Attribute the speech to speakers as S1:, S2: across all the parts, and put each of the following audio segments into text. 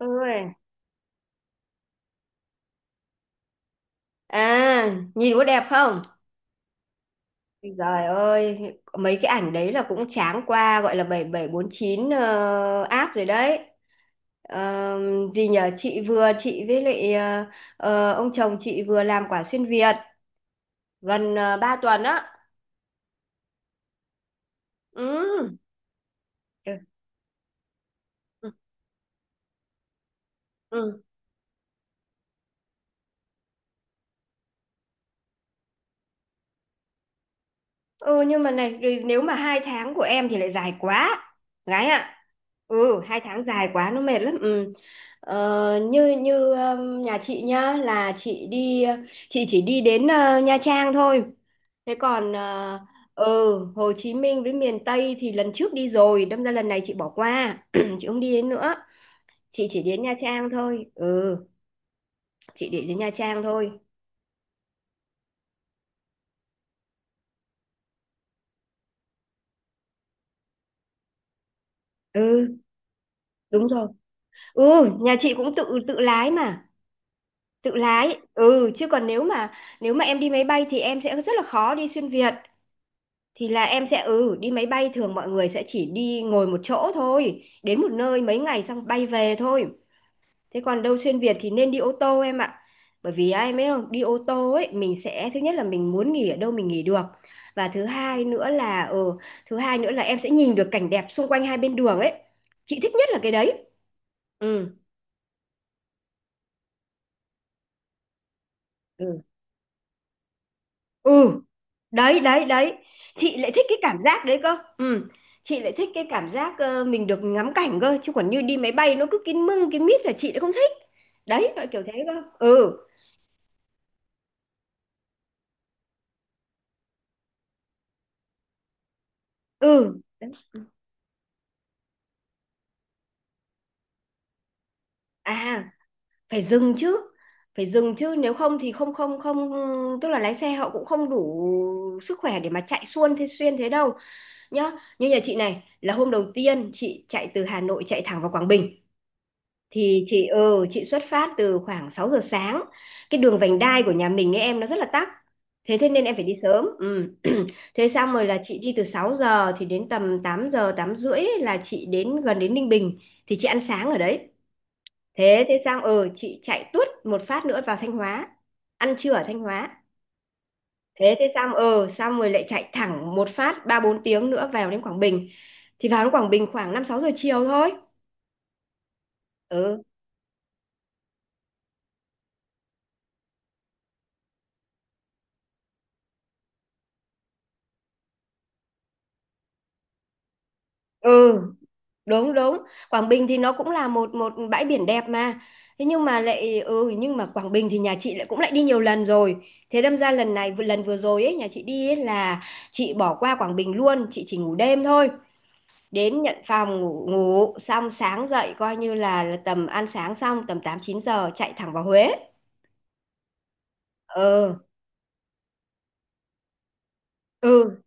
S1: Ôi. À, nhìn có đẹp không? Ôi Giời ơi, mấy cái ảnh đấy là cũng tráng qua gọi là 7749 app rồi đấy. Ờ, gì nhờ chị với lại ông chồng chị vừa làm quả xuyên Việt gần 3 tuần á. Ừ. Ừ. Ừ. Ừ, nhưng mà này nếu mà hai tháng của em thì lại dài quá, gái ạ. Ừ, hai tháng dài quá, nó mệt lắm, ừ. ờ, như như Nhà chị nhá, là chị đi, chị chỉ đi đến Nha Trang thôi. thế còn ờ, ừ, Hồ Chí Minh với miền Tây thì lần trước đi rồi, đâm ra lần này chị bỏ qua, chị không đi đến nữa, chị chỉ đến Nha Trang thôi. Ừ, chị để đến Nha Trang thôi. Ừ, đúng rồi. Ừ, nhà chị cũng tự tự lái mà. Tự lái, ừ. Chứ còn nếu mà em đi máy bay thì em sẽ rất là khó đi xuyên Việt. Thì là em sẽ, ừ, đi máy bay thường mọi người sẽ chỉ đi ngồi một chỗ thôi, đến một nơi mấy ngày xong bay về thôi. Thế còn đâu xuyên Việt thì nên đi ô tô em ạ, bởi vì ai biết không, đi ô tô ấy mình sẽ thứ nhất là mình muốn nghỉ ở đâu mình nghỉ được, và thứ hai nữa là, ừ, thứ hai nữa là em sẽ nhìn được cảnh đẹp xung quanh hai bên đường ấy. Chị thích nhất là cái đấy. Ừ. Ừ. Ừ. Đấy đấy đấy. Chị lại thích cái cảm giác đấy cơ, ừ. Chị lại thích cái cảm giác, mình được ngắm cảnh cơ, chứ còn như đi máy bay nó cứ kín mưng kín mít là chị lại không thích. Đấy, loại kiểu thế cơ, ừ. Ừ. Đấy. À, phải dừng chứ. Phải dừng chứ, nếu không thì không không không, tức là lái xe họ cũng không đủ sức khỏe để mà chạy xuôn thế xuyên thế đâu nhá. Như nhà chị này là hôm đầu tiên chị chạy từ Hà Nội chạy thẳng vào Quảng Bình, thì chị, ừ, chị xuất phát từ khoảng 6 giờ sáng. Cái đường vành đai của nhà mình ấy em, nó rất là tắc, thế thế nên em phải đi sớm, ừ. Thế xong rồi là chị đi từ 6 giờ thì đến tầm 8 giờ 8 rưỡi ấy là chị đến gần đến Ninh Bình, thì chị ăn sáng ở đấy. Thế thế xong, ừ, chị chạy tuốt một phát nữa vào Thanh Hóa, ăn trưa ở Thanh Hóa. Thế thế xong, ừ, xong rồi lại chạy thẳng một phát ba bốn tiếng nữa vào đến Quảng Bình. Thì vào đến Quảng Bình khoảng năm sáu giờ chiều thôi. Ừ. Ừ, đúng đúng. Quảng Bình thì nó cũng là một một bãi biển đẹp mà. Thế nhưng mà lại, ừ, nhưng mà Quảng Bình thì nhà chị lại cũng lại đi nhiều lần rồi, thế đâm ra lần này, lần vừa rồi ấy nhà chị đi ấy là chị bỏ qua Quảng Bình luôn, chị chỉ ngủ đêm thôi, đến nhận phòng ngủ, ngủ xong sáng dậy coi như là tầm ăn sáng xong tầm 8 9 giờ chạy thẳng vào Huế. Ừ. Ừ.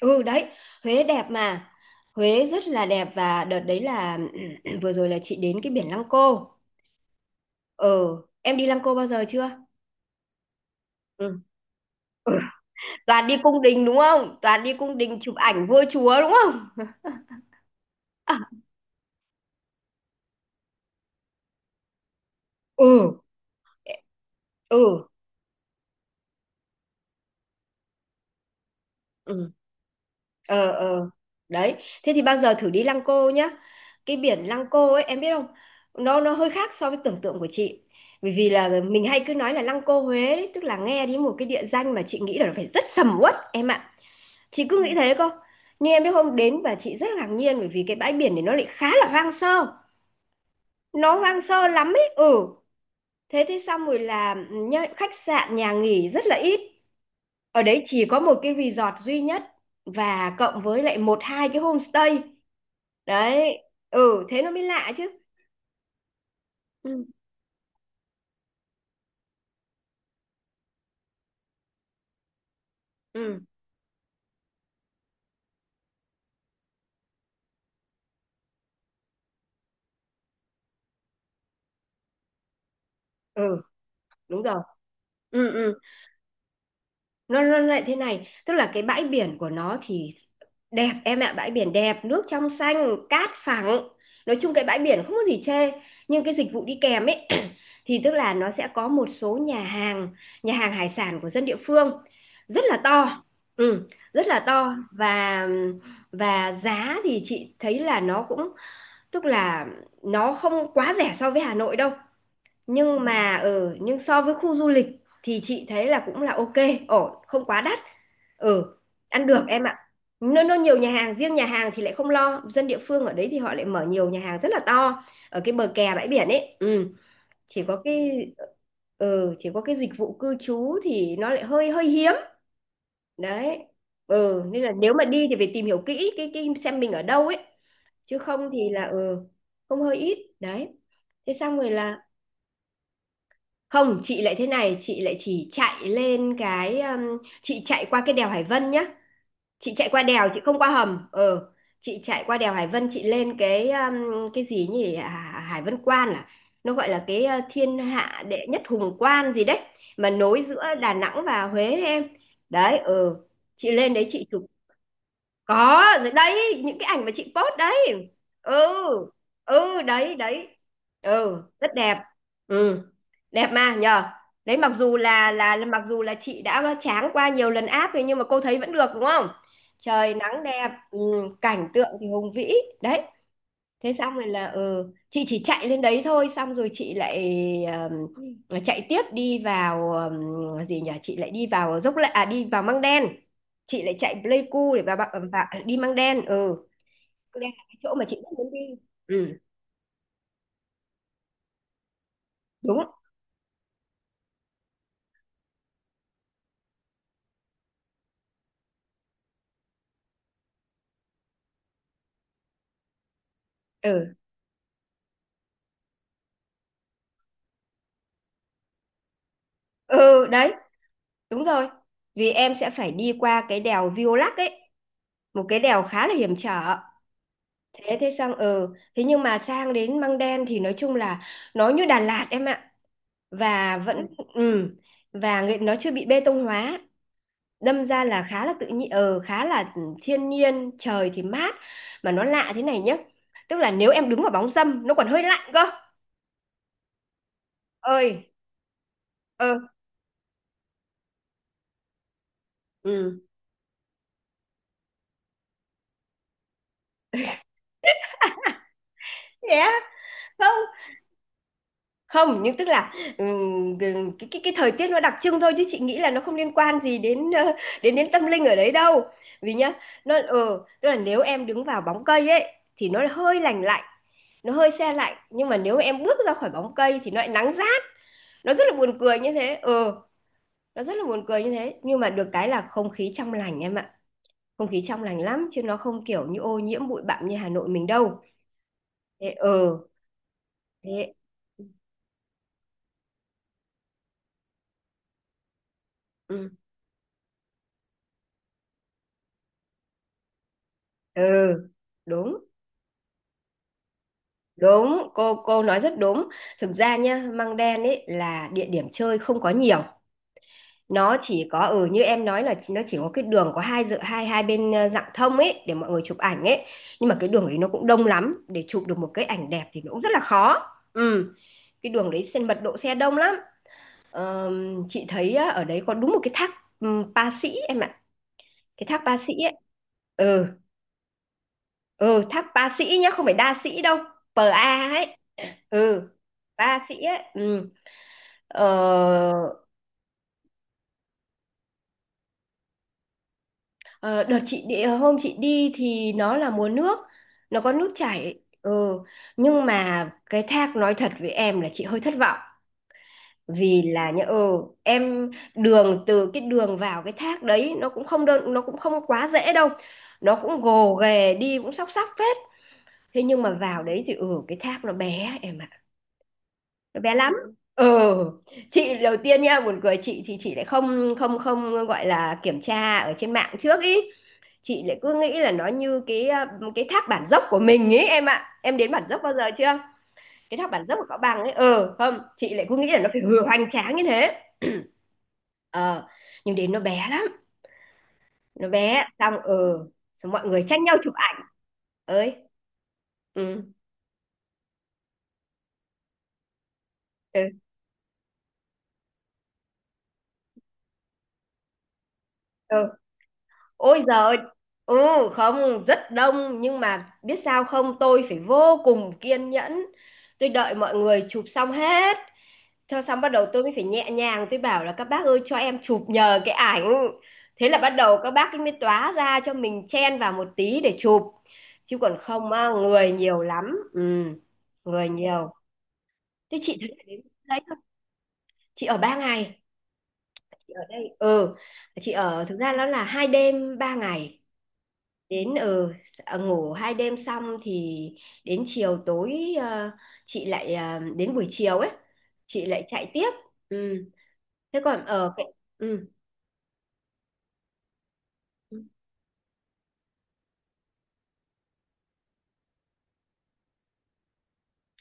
S1: Ừ, đấy. Huế đẹp mà. Huế rất là đẹp. Và đợt đấy là, vừa rồi là chị đến cái biển Lăng Cô, ừ. Em đi Lăng Cô bao giờ chưa? Ừ. Toàn đi cung đình đúng không? Toàn đi cung đình chụp ảnh vua chúa đúng không? Ừ. Ừ. Ừ. Ờ ờ. Đấy. Thế thì bao giờ thử đi Lăng Cô nhá. Cái biển Lăng Cô ấy em biết không, nó hơi khác so với tưởng tượng của chị. Bởi vì là mình hay cứ nói là Lăng Cô Huế đấy, tức là nghe đến một cái địa danh mà chị nghĩ là nó phải rất sầm uất em ạ. Chị cứ, ừ, nghĩ thế cơ. Nhưng em biết không, đến và chị rất ngạc nhiên bởi vì cái bãi biển này nó lại khá là hoang sơ. Nó hoang sơ lắm ấy, ừ. Thế thì xong rồi là nhá, khách sạn, nhà nghỉ rất là ít. Ở đấy chỉ có một cái resort duy nhất, và cộng với lại một hai cái homestay. Đấy. Ừ, thế nó mới lạ chứ. Ừ. Ừ, Ừ, đúng rồi. Ừ. Ừ. Nó lại thế này, tức là cái bãi biển của nó thì đẹp em ạ, bãi biển đẹp, nước trong xanh, cát phẳng, nói chung cái bãi biển không có gì chê. Nhưng cái dịch vụ đi kèm ấy, thì tức là nó sẽ có một số nhà hàng, nhà hàng hải sản của dân địa phương, rất là to. Ừ, rất là to. Và giá thì chị thấy là nó cũng, tức là nó không quá rẻ so với Hà Nội đâu, nhưng mà ở, nhưng so với khu du lịch thì chị thấy là cũng là ok, ổn, không quá đắt. Ừ, ăn được em ạ. Nó nhiều nhà hàng, riêng nhà hàng thì lại không lo, dân địa phương ở đấy thì họ lại mở nhiều nhà hàng rất là to ở cái bờ kè bãi biển ấy, ừ. Chỉ có cái, chỉ có cái dịch vụ cư trú thì nó lại hơi hơi hiếm, đấy. Ừ, nên là nếu mà đi thì phải tìm hiểu kỹ cái xem mình ở đâu ấy, chứ không thì là, ừ, không, hơi ít đấy. Thế xong rồi là, không, chị lại thế này, chị lại chỉ chạy lên cái, chị chạy qua cái đèo Hải Vân nhá. Chị chạy qua đèo, chị không qua hầm, ờ. Chị chạy qua đèo Hải Vân, chị lên cái, cái gì nhỉ, à, Hải Vân Quan, à. Nó gọi là cái, thiên hạ đệ nhất hùng quan gì đấy, mà nối giữa Đà Nẵng và Huế ấy em. Đấy, ờ. Chị lên đấy chị, có rồi đấy, những cái ảnh mà chị post đấy. Ừ. Ừ, đấy đấy. Ừ, rất đẹp. Ừ, đẹp mà nhờ. Đấy, mặc dù là mặc dù là chị đã tráng qua nhiều lần áp rồi nhưng mà cô thấy vẫn được đúng không. Trời nắng đẹp, ừ, cảnh tượng thì hùng vĩ, đấy. Thế xong rồi là, ừ, chị chỉ chạy lên đấy thôi, xong rồi chị lại, chạy tiếp đi vào, gì nhỉ, chị lại đi vào dốc lại, à, đi vào Măng Đen. Chị lại chạy Pleiku để vào, vào, vào đi Măng Đen, ừ. Măng Đen là cái chỗ mà chị rất muốn đi. Ừ. Đúng. Ừ. Ừ. Đấy, đúng rồi. Vì em sẽ phải đi qua cái đèo Violac ấy, một cái đèo khá là hiểm trở. Thế thế xong, ừ, thế nhưng mà sang đến Măng Đen thì nói chung là nó như Đà Lạt em ạ. Và vẫn, ừ, và nó chưa bị bê tông hóa, đâm ra là khá là tự nhiên, ờ, khá là thiên nhiên, trời thì mát. Mà nó lạ thế này nhá, tức là nếu em đứng vào bóng râm nó còn hơi lạnh cơ. Ơi, ờ. Ừ, thế á? Không, không nhưng tức là, cái cái thời tiết nó đặc trưng thôi, chứ chị nghĩ là nó không liên quan gì đến, đến đến tâm linh ở đấy đâu. Vì nhá, nó ờ, tức là nếu em đứng vào bóng cây ấy thì nó hơi lành lạnh, nó hơi se lạnh, nhưng mà nếu em bước ra khỏi bóng cây thì nó lại nắng rát. Nó rất là buồn cười như thế, ờ. Nó rất là buồn cười như thế, nhưng mà được cái là không khí trong lành em ạ. Không khí trong lành lắm, chứ nó không kiểu như ô nhiễm bụi bặm như Hà Nội mình đâu. Thế, ờ. Thế. Ừ. Ừ, đúng đúng, cô nói rất đúng. Thực ra nhá, Măng Đen ấy là địa điểm chơi không có nhiều. Nó chỉ có, ừ, như em nói là nó chỉ có cái đường có hai dự hai hai bên, rạng thông ấy để mọi người chụp ảnh ấy, nhưng mà cái đường ấy nó cũng đông lắm, để chụp được một cái ảnh đẹp thì nó cũng rất là khó. Ừ, cái đường đấy xe, mật độ xe đông lắm. Ờ, chị thấy á, ở đấy có đúng một cái thác, Pa Sĩ em ạ, cái thác Pa Sĩ ấy. Ừ. Ừ, thác Pa Sĩ nhá, không phải đa sĩ đâu, pê a ấy. Ừ, ba sĩ ấy, ừ. ờ, ờ, đợt chị đi, hôm chị đi thì nó là mùa nước, nó có nước chảy. Ừ, nhưng mà cái thác, nói thật với em là chị hơi thất vọng. Vì là nhỡ em đường, từ cái đường vào cái thác đấy nó cũng không đơn, nó cũng không quá dễ đâu, nó cũng gồ ghề, đi cũng sóc sóc phết. Thế nhưng mà vào đấy thì ừ, cái thác nó bé em ạ, bé lắm. Ừ, chị đầu tiên nha, buồn cười, chị thì chị lại không không không gọi là kiểm tra ở trên mạng trước ý. Chị lại cứ nghĩ là nó như cái cái tháp bản dốc của mình ấy em ạ, em đến bản dốc bao giờ chưa? Cái tháp bản dốc ở Cao Bằng ấy, ừ không, chị lại cứ nghĩ là nó phải vừa hoành tráng như thế. Ờ, nhưng đến nó bé lắm, nó bé, xong ừ, xong mọi người tranh nhau chụp ảnh. Ơi, ừ, ừ, ừ. Ôi giời, ừ không, rất đông nhưng mà biết sao không, tôi phải vô cùng kiên nhẫn. Tôi đợi mọi người chụp xong hết. Cho xong bắt đầu tôi mới phải nhẹ nhàng tôi bảo là các bác ơi cho em chụp nhờ cái ảnh. Thế là bắt đầu các bác ấy mới tóa ra cho mình chen vào một tí để chụp. Chứ còn không á, người nhiều lắm. Ừ, người nhiều. Thế chị thấy là đến đấy thôi. Chị ở ba ngày. Chị ở đây. Ừ, chị ở thực ra nó là hai đêm ba ngày, đến ở ừ, ngủ hai đêm xong thì đến chiều tối, ờ, chị lại đến buổi chiều ấy chị lại chạy tiếp. Ừ, thế còn ở cái, ừ.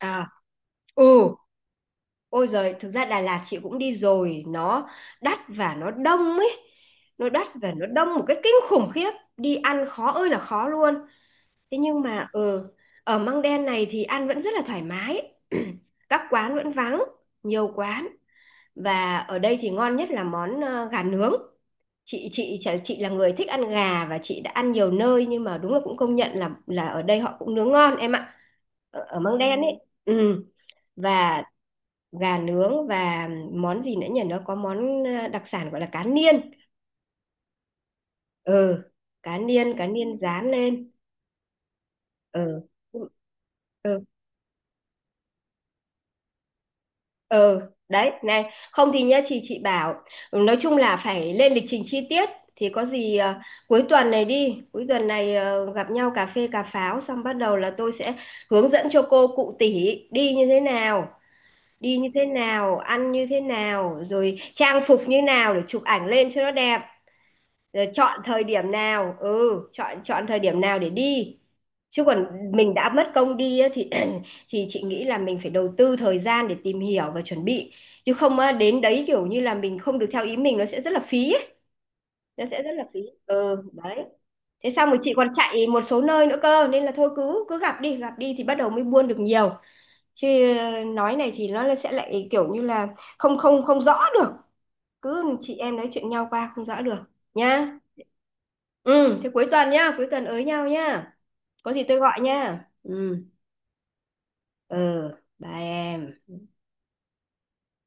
S1: À, ừ, ôi giời, thực ra Đà Lạt chị cũng đi rồi, nó đắt và nó đông ấy, nó đắt và nó đông một cái kinh khủng khiếp, đi ăn khó ơi là khó luôn. Thế nhưng mà ừ, ở Măng Đen này thì ăn vẫn rất là thoải mái, các quán vẫn vắng, nhiều quán. Và ở đây thì ngon nhất là món gà nướng. Chị là người thích ăn gà và chị đã ăn nhiều nơi nhưng mà đúng là cũng công nhận là ở đây họ cũng nướng ngon em ạ, ở Măng Đen ấy. Ừ. Và gà nướng, và món gì nữa nhỉ, nó có món đặc sản gọi là cá niên. Ừ, cá niên, cá niên rán lên. Ừ, ừ, ừ đấy này, không thì nhá, chị bảo ừ, nói chung là phải lên lịch trình chi tiết. Thì có gì à, cuối tuần này đi, cuối tuần này gặp nhau cà phê cà pháo xong bắt đầu là tôi sẽ hướng dẫn cho cô cụ tỷ đi như thế nào, đi như thế nào, ăn như thế nào, rồi trang phục như nào để chụp ảnh lên cho nó đẹp, rồi chọn thời điểm nào, ừ, chọn chọn thời điểm nào để đi. Chứ còn mình đã mất công đi á, thì thì chị nghĩ là mình phải đầu tư thời gian để tìm hiểu và chuẩn bị. Chứ không á, đến đấy kiểu như là mình không được theo ý mình nó sẽ rất là phí ấy. Nó sẽ rất là phí. Ừ đấy, thế xong rồi chị còn chạy một số nơi nữa cơ nên là thôi cứ cứ gặp đi thì bắt đầu mới buôn được nhiều. Chứ nói này thì nó sẽ lại kiểu như là không không không rõ được, cứ chị em nói chuyện nhau qua không rõ được nhá. Ừ, thế cuối tuần nhá, cuối tuần ới nhau nhá. Có gì tôi gọi nha. Ừ, ờ, bye em.